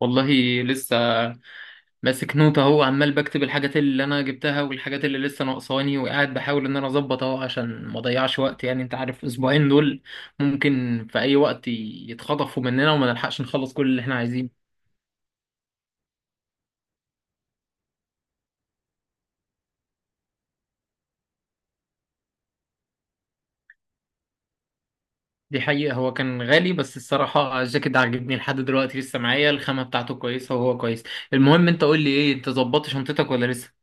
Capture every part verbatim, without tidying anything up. والله لسه ماسك نوتة اهو، عمال بكتب الحاجات اللي انا جبتها والحاجات اللي لسه ناقصاني، وقاعد بحاول ان انا اظبط اهو عشان ما اضيعش وقت. يعني انت عارف الاسبوعين دول ممكن في اي وقت يتخطفوا مننا وما نلحقش نخلص كل اللي احنا عايزينه. دي حقيقة، هو كان غالي بس الصراحة الجاكيت ده عاجبني لحد دلوقتي، لسه معايا الخامة بتاعته كويسة وهو كويس. المهم انت قول لي ايه، انت ظبطت شنطتك ولا لسه؟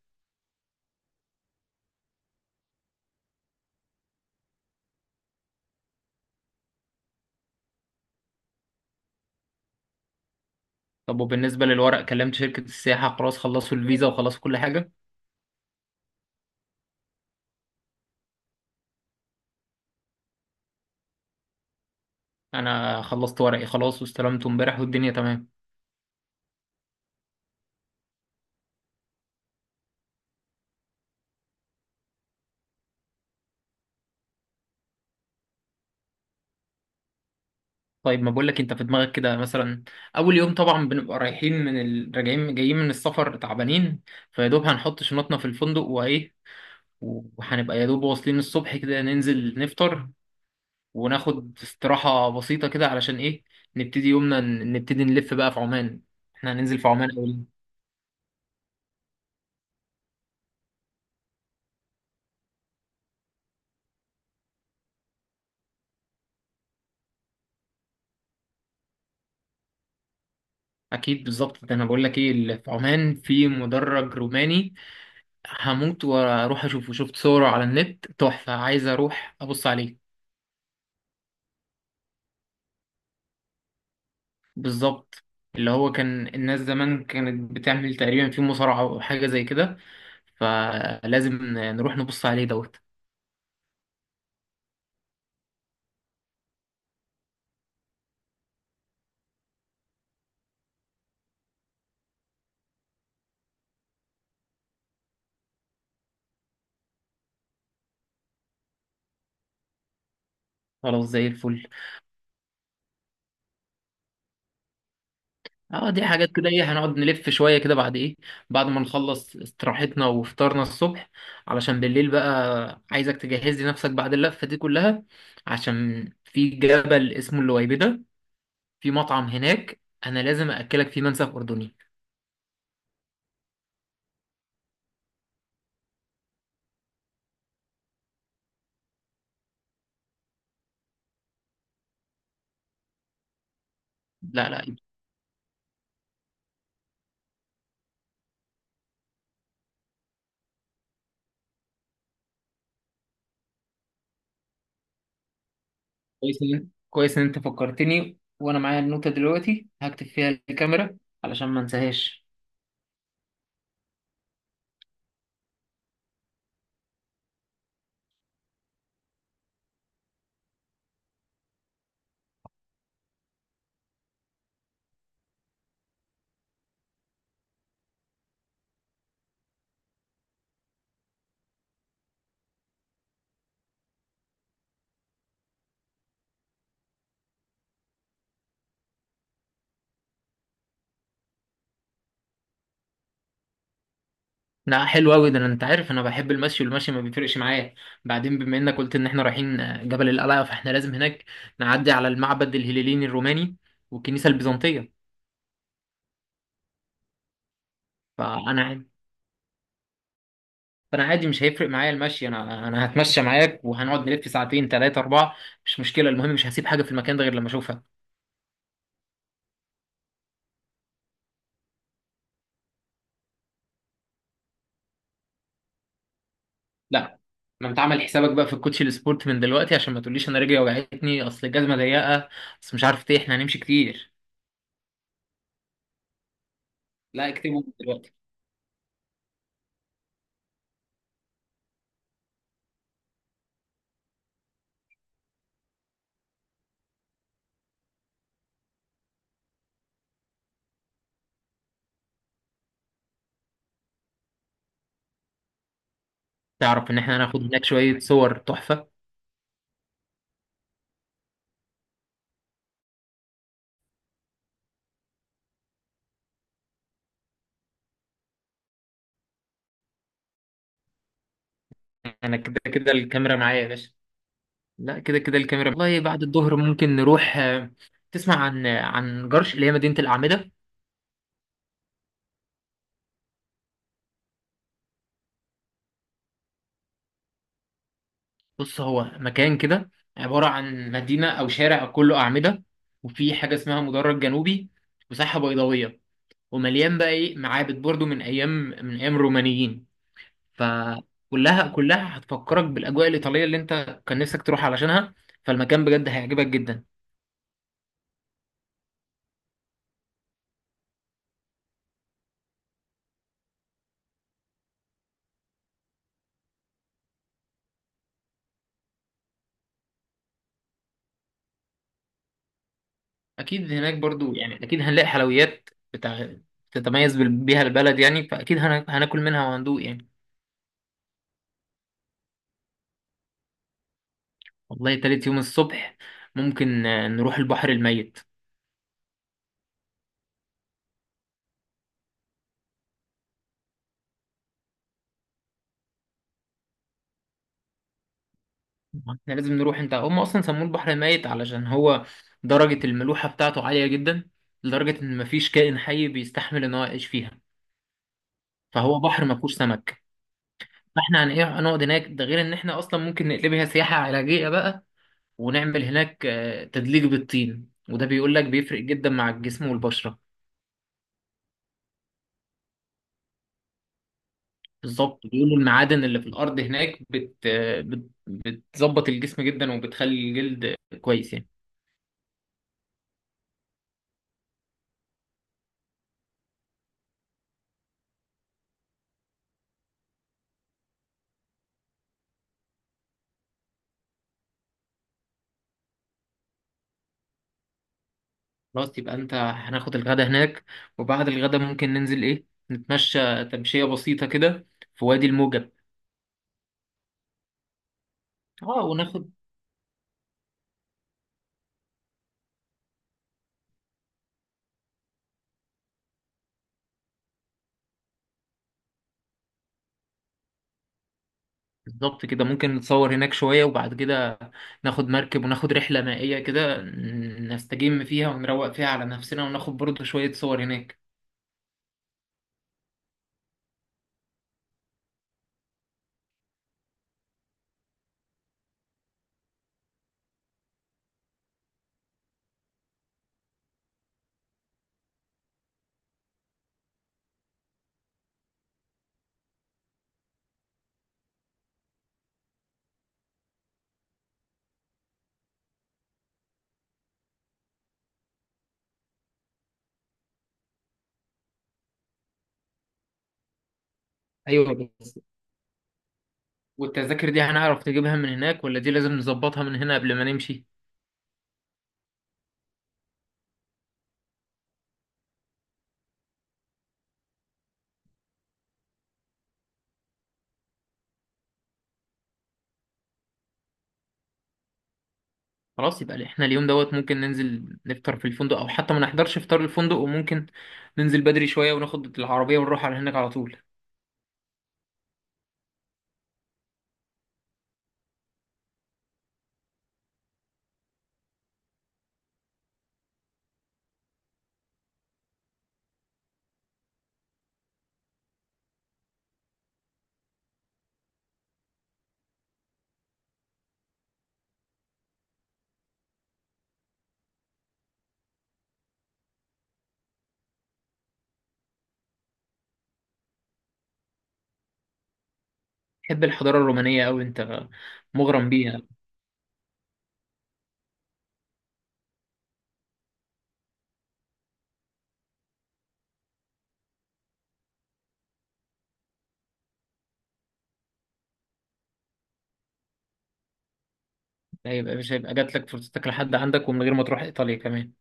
طب وبالنسبة للورق، كلمت شركة السياحة؟ خلاص خلصوا الفيزا وخلصوا كل حاجة؟ انا خلصت ورقي خلاص واستلمته امبارح والدنيا تمام. طيب ما بقولك، انت في دماغك كده مثلا اول يوم طبعا بنبقى رايحين من ال... راجعين جايين من السفر تعبانين، فيا دوب هنحط شنطنا في الفندق وايه، وهنبقى يا دوب واصلين الصبح كده ننزل نفطر وناخد استراحة بسيطة كده علشان ايه، نبتدي يومنا ن- نبتدي نلف بقى في عمان. احنا هننزل في عمان اول. اكيد بالظبط، ده انا بقول لك ايه اللي في عمان، في مدرج روماني هموت واروح اشوفه، شفت صوره على النت تحفة، عايز اروح ابص عليه. بالظبط، اللي هو كان الناس زمان كانت بتعمل تقريبا في مصارعة أو حاجة زي كده، فلازم ن- نروح نبص عليه دوت. خلاص زي الفل. اه، دي حاجات كده ايه، هنقعد نلف شوية كده بعد ايه، بعد ما نخلص استراحتنا وفطارنا الصبح. علشان بالليل بقى عايزك تجهز لي نفسك بعد اللفة دي كلها، عشان في جبل اسمه اللويبدة، في مطعم هناك انا لازم اكلك فيه منسف اردني. لا لا. كويس إن- كويس ان انت فكرتني وانا معايا النوتة دلوقتي هكتب فيها الكاميرا، علشان ما انساهاش. لا حلو قوي ده، أنا- انت عارف انا بحب المشي والمشي ما بيفرقش معايا. بعدين بما انك قلت ان احنا رايحين آه، جبل القلعة، فاحنا لازم هناك نعدي على المعبد الهليليني الروماني والكنيسة البيزنطية. فانا عاد- فانا عادي، مش هيفرق معايا المشي، انا انا هتمشى معاك وهنقعد نلف ساعتين ثلاثة أربعة، مش مشكلة. المهم مش هسيب حاجة في المكان ده غير لما اشوفها. لا، ما انت عامل حسابك بقى في الكوتشي السبورت من دلوقتي عشان ما تقوليش انا رجلي وجعتني اصل الجزمه ضيقه، اصل مش عارف ايه، احنا هنمشي كتير. لا اكتبهم من دلوقتي. تعرف ان احنا هناخد هناك شويه صور تحفه. انا كده كده الكاميرا معايا يا باشا. لا كده كده الكاميرا والله. بعد الظهر ممكن نروح، آه، تسمع عن آه، عن جرش اللي هي مدينه الاعمده؟ بص، هو مكان كده عباره عن مدينه او شارع كله اعمده، وفي حاجه اسمها مدرج جنوبي وساحه بيضاويه، ومليان بقى ايه، معابد برضو من ايام من ايام الرومانيين. فكلها كلها هتفكرك بالاجواء الايطاليه اللي انت كان نفسك تروح علشانها، فالمكان بجد هيعجبك جدا. اكيد هناك برضو، يعني اكيد هنلاقي حلويات بتاع تتميز بال- بيها البلد، يعني فاكيد هنا- هناكل منها وهندوق يعني. والله تالت يوم الصبح ممكن آه، نروح البحر الميت. احنا لازم نروح، انت هم اصلا سموه البحر الميت علشان هو درجه الملوحه بتاعته عاليه جدا، لدرجه ان مفيش كائن حي بيستحمل ان هو يعيش فيها، فهو بحر ما فيهوش سمك. فاحنا هن- إيه، هنقعد هناك، ده غير ان احنا اصلا ممكن نقلبها سياحه علاجيه بقى، ونعمل هناك آه، تدليك بالطين، وده بيقول لك بيفرق جدا مع الجسم والبشره. بالظبط، بيقولوا المعادن اللي في الارض هناك بت... آه، بتظبط الجسم جدا وبتخلي الجلد كويس يعني. خلاص يبقى انت هناخد الغدا هناك، وبعد الغدا ممكن ننزل ايه، نتمشى تمشيه بسيطه كده في وادي الموجب. اه وناخد. بالظبط كده، ممكن نتصور هناك شوية، وبعد كده ناخد مركب وناخد رحلة مائية كده ن- نستجم فيها ونروق فيها على نفسنا وناخد برضه شوية صور هناك. ايوه بس والتذاكر دي هنعرف نجيبها من هناك، ولا دي لازم نظبطها من هنا قبل ما نمشي؟ خلاص يبقى احنا اليوم دوت ممكن ننزل نفطر في الفندق، او حتى ما نحضرش فطار الفندق وممكن ننزل بدري شوية وناخد العربية ونروح على هناك على طول. تحب الحضارة الرومانية أوي أنت، مغرم بيها. هيبقى، مش هيبقى جاتلك فرصتك لحد عندك ومن غير ما تروح إيطاليا كمان.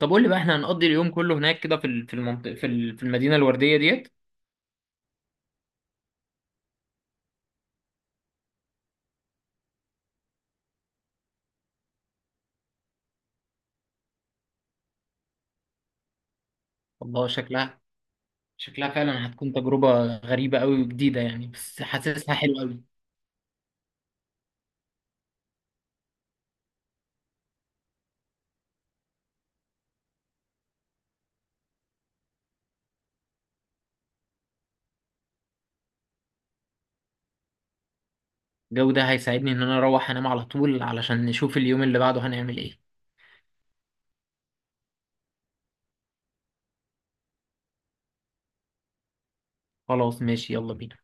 طب قول لي بقى، احنا هنقضي اليوم كله هناك كده في ال- في المنطقة، في ال- في المدينة الوردية ديت؟ والله شكلها شكلها فعلا هتكون تجربة غريبة قوي وجديدة، يعني بس حاسسها حلوة قوي. الجو ده هيساعدني ان انا اروح انام على طول، علشان نشوف اليوم اللي بعده هنعمل ايه. خلاص ماشي، يلا بينا.